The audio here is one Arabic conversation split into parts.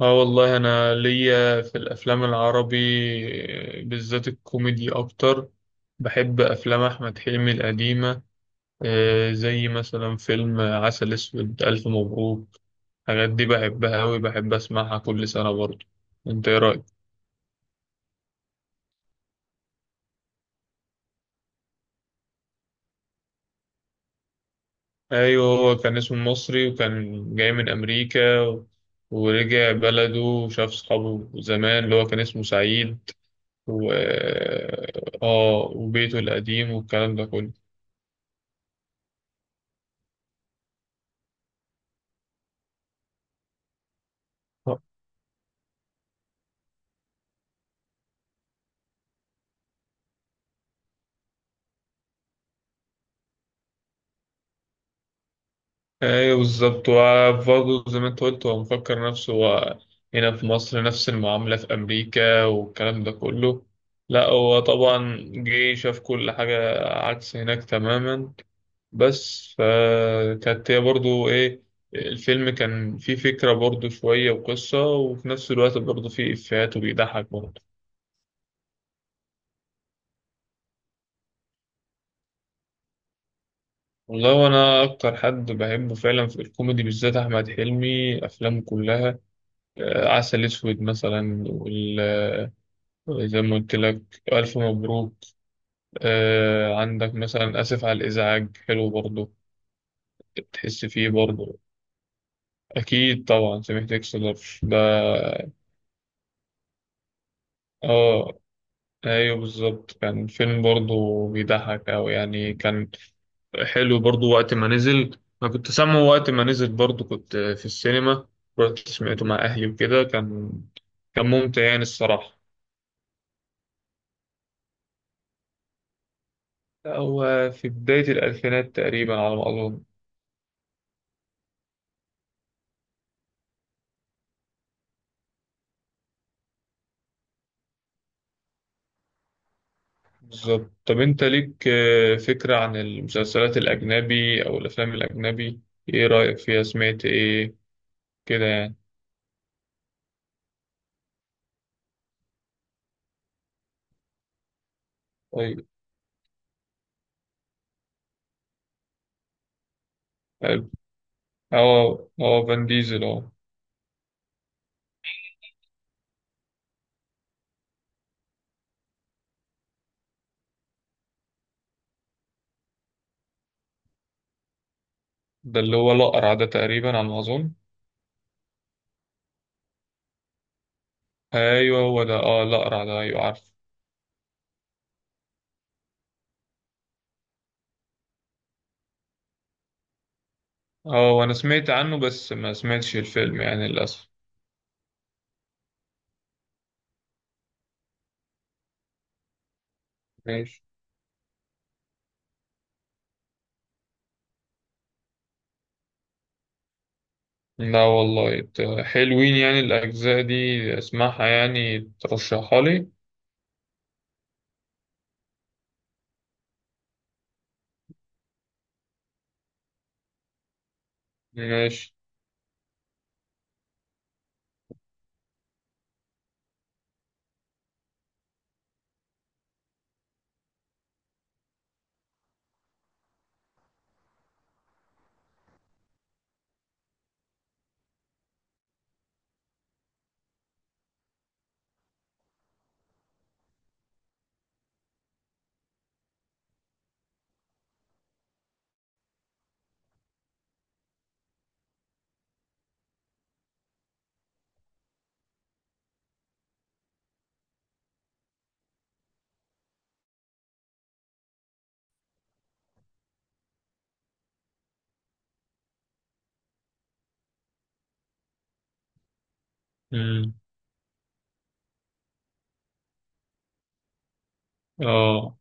اه والله انا ليا في الافلام العربي. بالذات الكوميدي اكتر. بحب افلام احمد حلمي القديمه. زي مثلا فيلم عسل اسود الف مبروك. الحاجات دي بحبها اوي، بحب اسمعها كل سنه برضه. انت ايه رايك؟ ايوه، هو كان اسمه مصري وكان جاي من امريكا ورجع بلده وشاف صحابه زمان اللي هو كان اسمه سعيد و اه وبيته القديم والكلام ده كله. ايوه بالظبط، وبرضه زي ما انت قلت هو مفكر نفسه هو هنا في مصر نفس المعاملة في أمريكا، والكلام ده كله. لا، هو طبعا جه شاف كل حاجة عكس هناك تماما. بس فكانت هي برضه ايه؟ الفيلم كان فيه فكرة برضه شوية وقصة، وفي نفس الوقت برضه فيه إفيهات وبيضحك برضه. والله، وأنا أكتر حد بحبه فعلا في الكوميدي بالذات أحمد حلمي، أفلامه كلها. عسل أسود مثلا، زي ما قلت لك، ألف مبروك. عندك مثلا آسف على الإزعاج، حلو برضه. بتحس فيه برضه. أكيد طبعا سمعت إكسلر ده آه أيوه بالظبط، كان فيلم برضه بيضحك أوي يعني، كان حلو برضه. وقت ما نزل أنا كنت سامعه، وقت ما نزل برضه كنت في السينما، رحت سمعته مع أهلي وكده. كان ممتع يعني الصراحة. هو في بداية الألفينات تقريبا على ما أظن. بالظبط. طب انت ليك فكرة عن المسلسلات الأجنبي أو الأفلام الأجنبي؟ ايه رأيك فيها؟ سمعت ايه كده يعني؟ طيب، حلو. اه اه فان ديزل، اه. ده اللي هو الأقرع ده تقريبا على ما أظن. أيوه هو ده الأقرع ده، أيوه عارف. اه، وأنا سمعت عنه بس ما سمعتش الفيلم يعني للأسف. ماشي. لا والله، حلوين يعني الأجزاء دي، اسمعها يعني ترشحها لي. ماشي. مم. اه.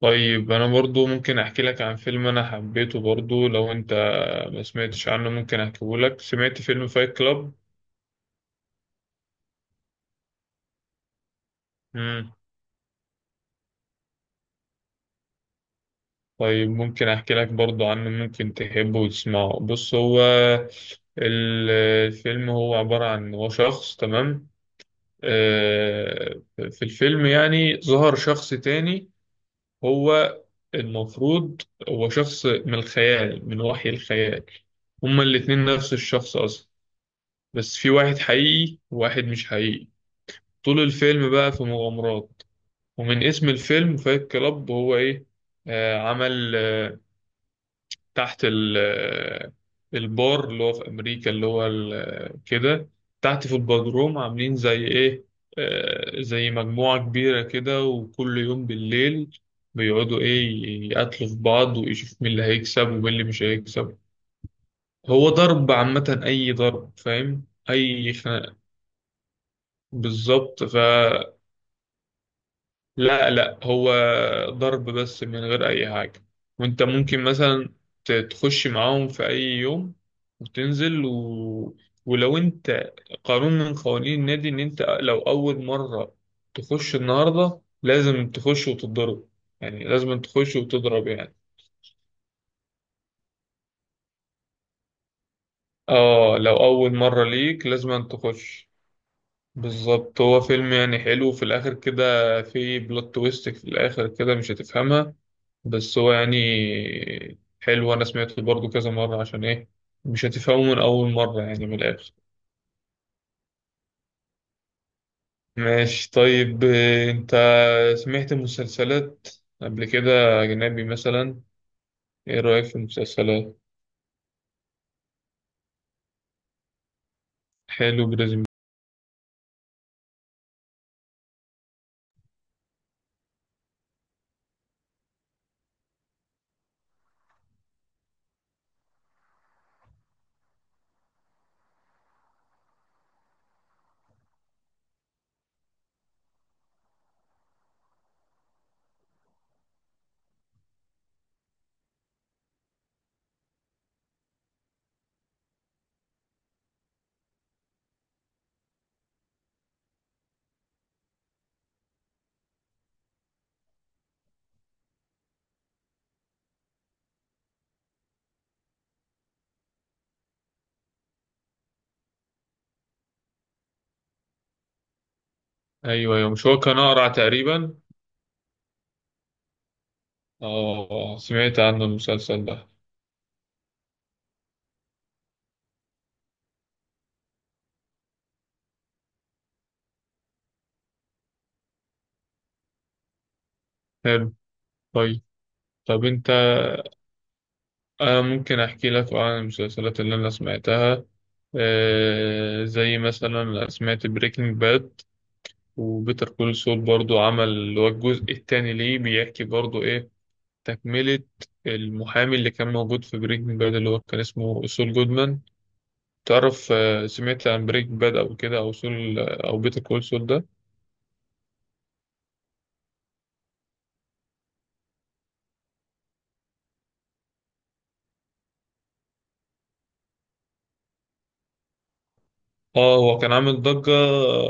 طيب، انا برضو ممكن احكي لك عن فيلم انا حبيته برضو. لو انت ما سمعتش عنه، ممكن احكيه لك. سمعت فيلم فايت كلاب؟ امم. طيب، ممكن احكي لك برضو عنه، ممكن تحبه وتسمعه. بص هو ال- الفيلم هو عبارة عن هو شخص، تمام. في الفيلم يعني ظهر شخص تاني، هو المفروض هو شخص من الخيال، من وحي الخيال. هما الاتنين نفس الشخص اصلا، بس في واحد حقيقي وواحد مش حقيقي. طول الفيلم بقى في مغامرات، ومن اسم الفيلم فايت كلاب، هو ايه؟ عمل تحت ال آه البار اللي هو في امريكا، اللي هو كده، تحت في البدروم، عاملين زي ايه؟ زي مجموعة كبيرة كده، وكل يوم بالليل بيقعدوا ايه، يقتلوا في بعض ويشوف مين اللي هيكسب ومين اللي مش هيكسب. هو ضرب عامة، أي ضرب فاهم، أي خناقة. بالظبط. لا لا، هو ضرب بس من غير أي حاجة. وأنت ممكن مثلا تخش معاهم في أي يوم وتنزل. ولو أنت قانون من قوانين النادي إن أنت لو أول مرة تخش النهاردة، لازم تخش وتتضرب، يعني لازم تخش وتضرب يعني. اه، لو أول مرة ليك لازم تخش. بالظبط. هو فيلم يعني حلو، وفي الآخر كده في بلوت تويست، في الآخر كده مش هتفهمها، بس هو يعني حلو. أنا سمعته برضو كذا مرة عشان إيه؟ مش هتفهمه من أول مرة يعني من الآخر. ماشي طيب. أنت سمعت مسلسلات قبل كده أجنبي مثلا؟ إيه رأيك في المسلسلات؟ حلو، بريزم. أيوه أيوه، مش هو كان أقرع تقريبا؟ آه سمعت عنه المسلسل ده. حلو. طيب. طب أنت ممكن أحكي لك عن المسلسلات اللي أنا سمعتها. زي مثلا أنا سمعت بريكنج باد، وبيتر كول سول برضو عمل اللي هو الجزء التاني ليه، بيحكي برضو إيه، تكملة المحامي اللي كان موجود في بريكنج باد اللي هو كان اسمه سول جودمان. تعرف سمعت عن بريكنج باد أو كده، أو سول، أو بيتر كول سول ده؟ آه، هو كان عامل ضجة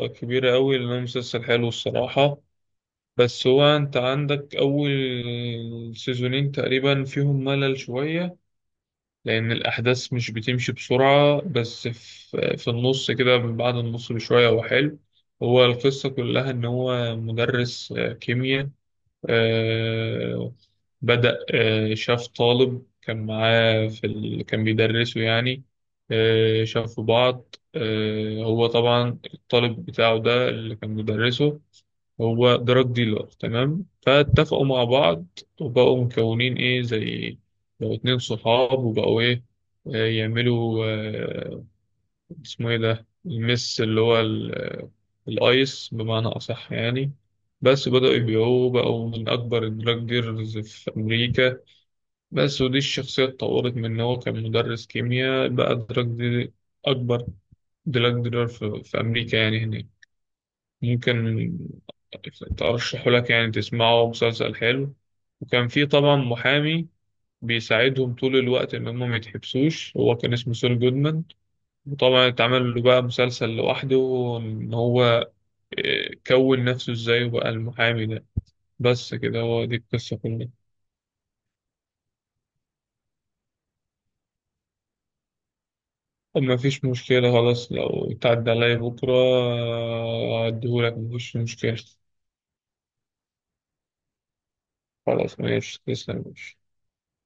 كبيرة أوي لأنه مسلسل حلو الصراحة. بس هو انت عندك اول سيزونين تقريبا فيهم ملل شوية، لان الاحداث مش بتمشي بسرعة، بس في النص كده من بعد النص بشوية هو حلو. هو القصة كلها ان هو مدرس كيمياء. آه، بدأ شاف طالب كان معاه في كان بيدرسه يعني. شافوا بعض. هو طبعا الطالب بتاعه ده اللي كان مدرسه هو دراج ديلر، تمام. فاتفقوا مع بعض، وبقوا مكونين ايه زي لو اتنين صحاب، وبقوا ايه يعملوا اسمه ايه ده المس، اللي هو الايس بمعنى اصح يعني. بس بدأوا يبيعوه، بقوا من أكبر الدراج ديلرز في أمريكا. بس ودي الشخصية اتطورت من إن هو كان مدرس كيمياء بقى دراج دي، أكبر دراج ديلر في أمريكا يعني هناك. ممكن أرشحه لك يعني تسمعه، مسلسل حلو. وكان في طبعا محامي بيساعدهم طول الوقت إن هم ما يتحبسوش، هو كان اسمه سول جودمان. وطبعا اتعمل له بقى مسلسل لوحده، إن هو كون نفسه إزاي وبقى المحامي ده. بس كده هو دي القصة كلها. طب ما فيش مشكلة، خلاص. لو اتعدى عليا بكرة أديهولك، مفيش مشكلة. خلاص ماشي، تسلم، ماشي.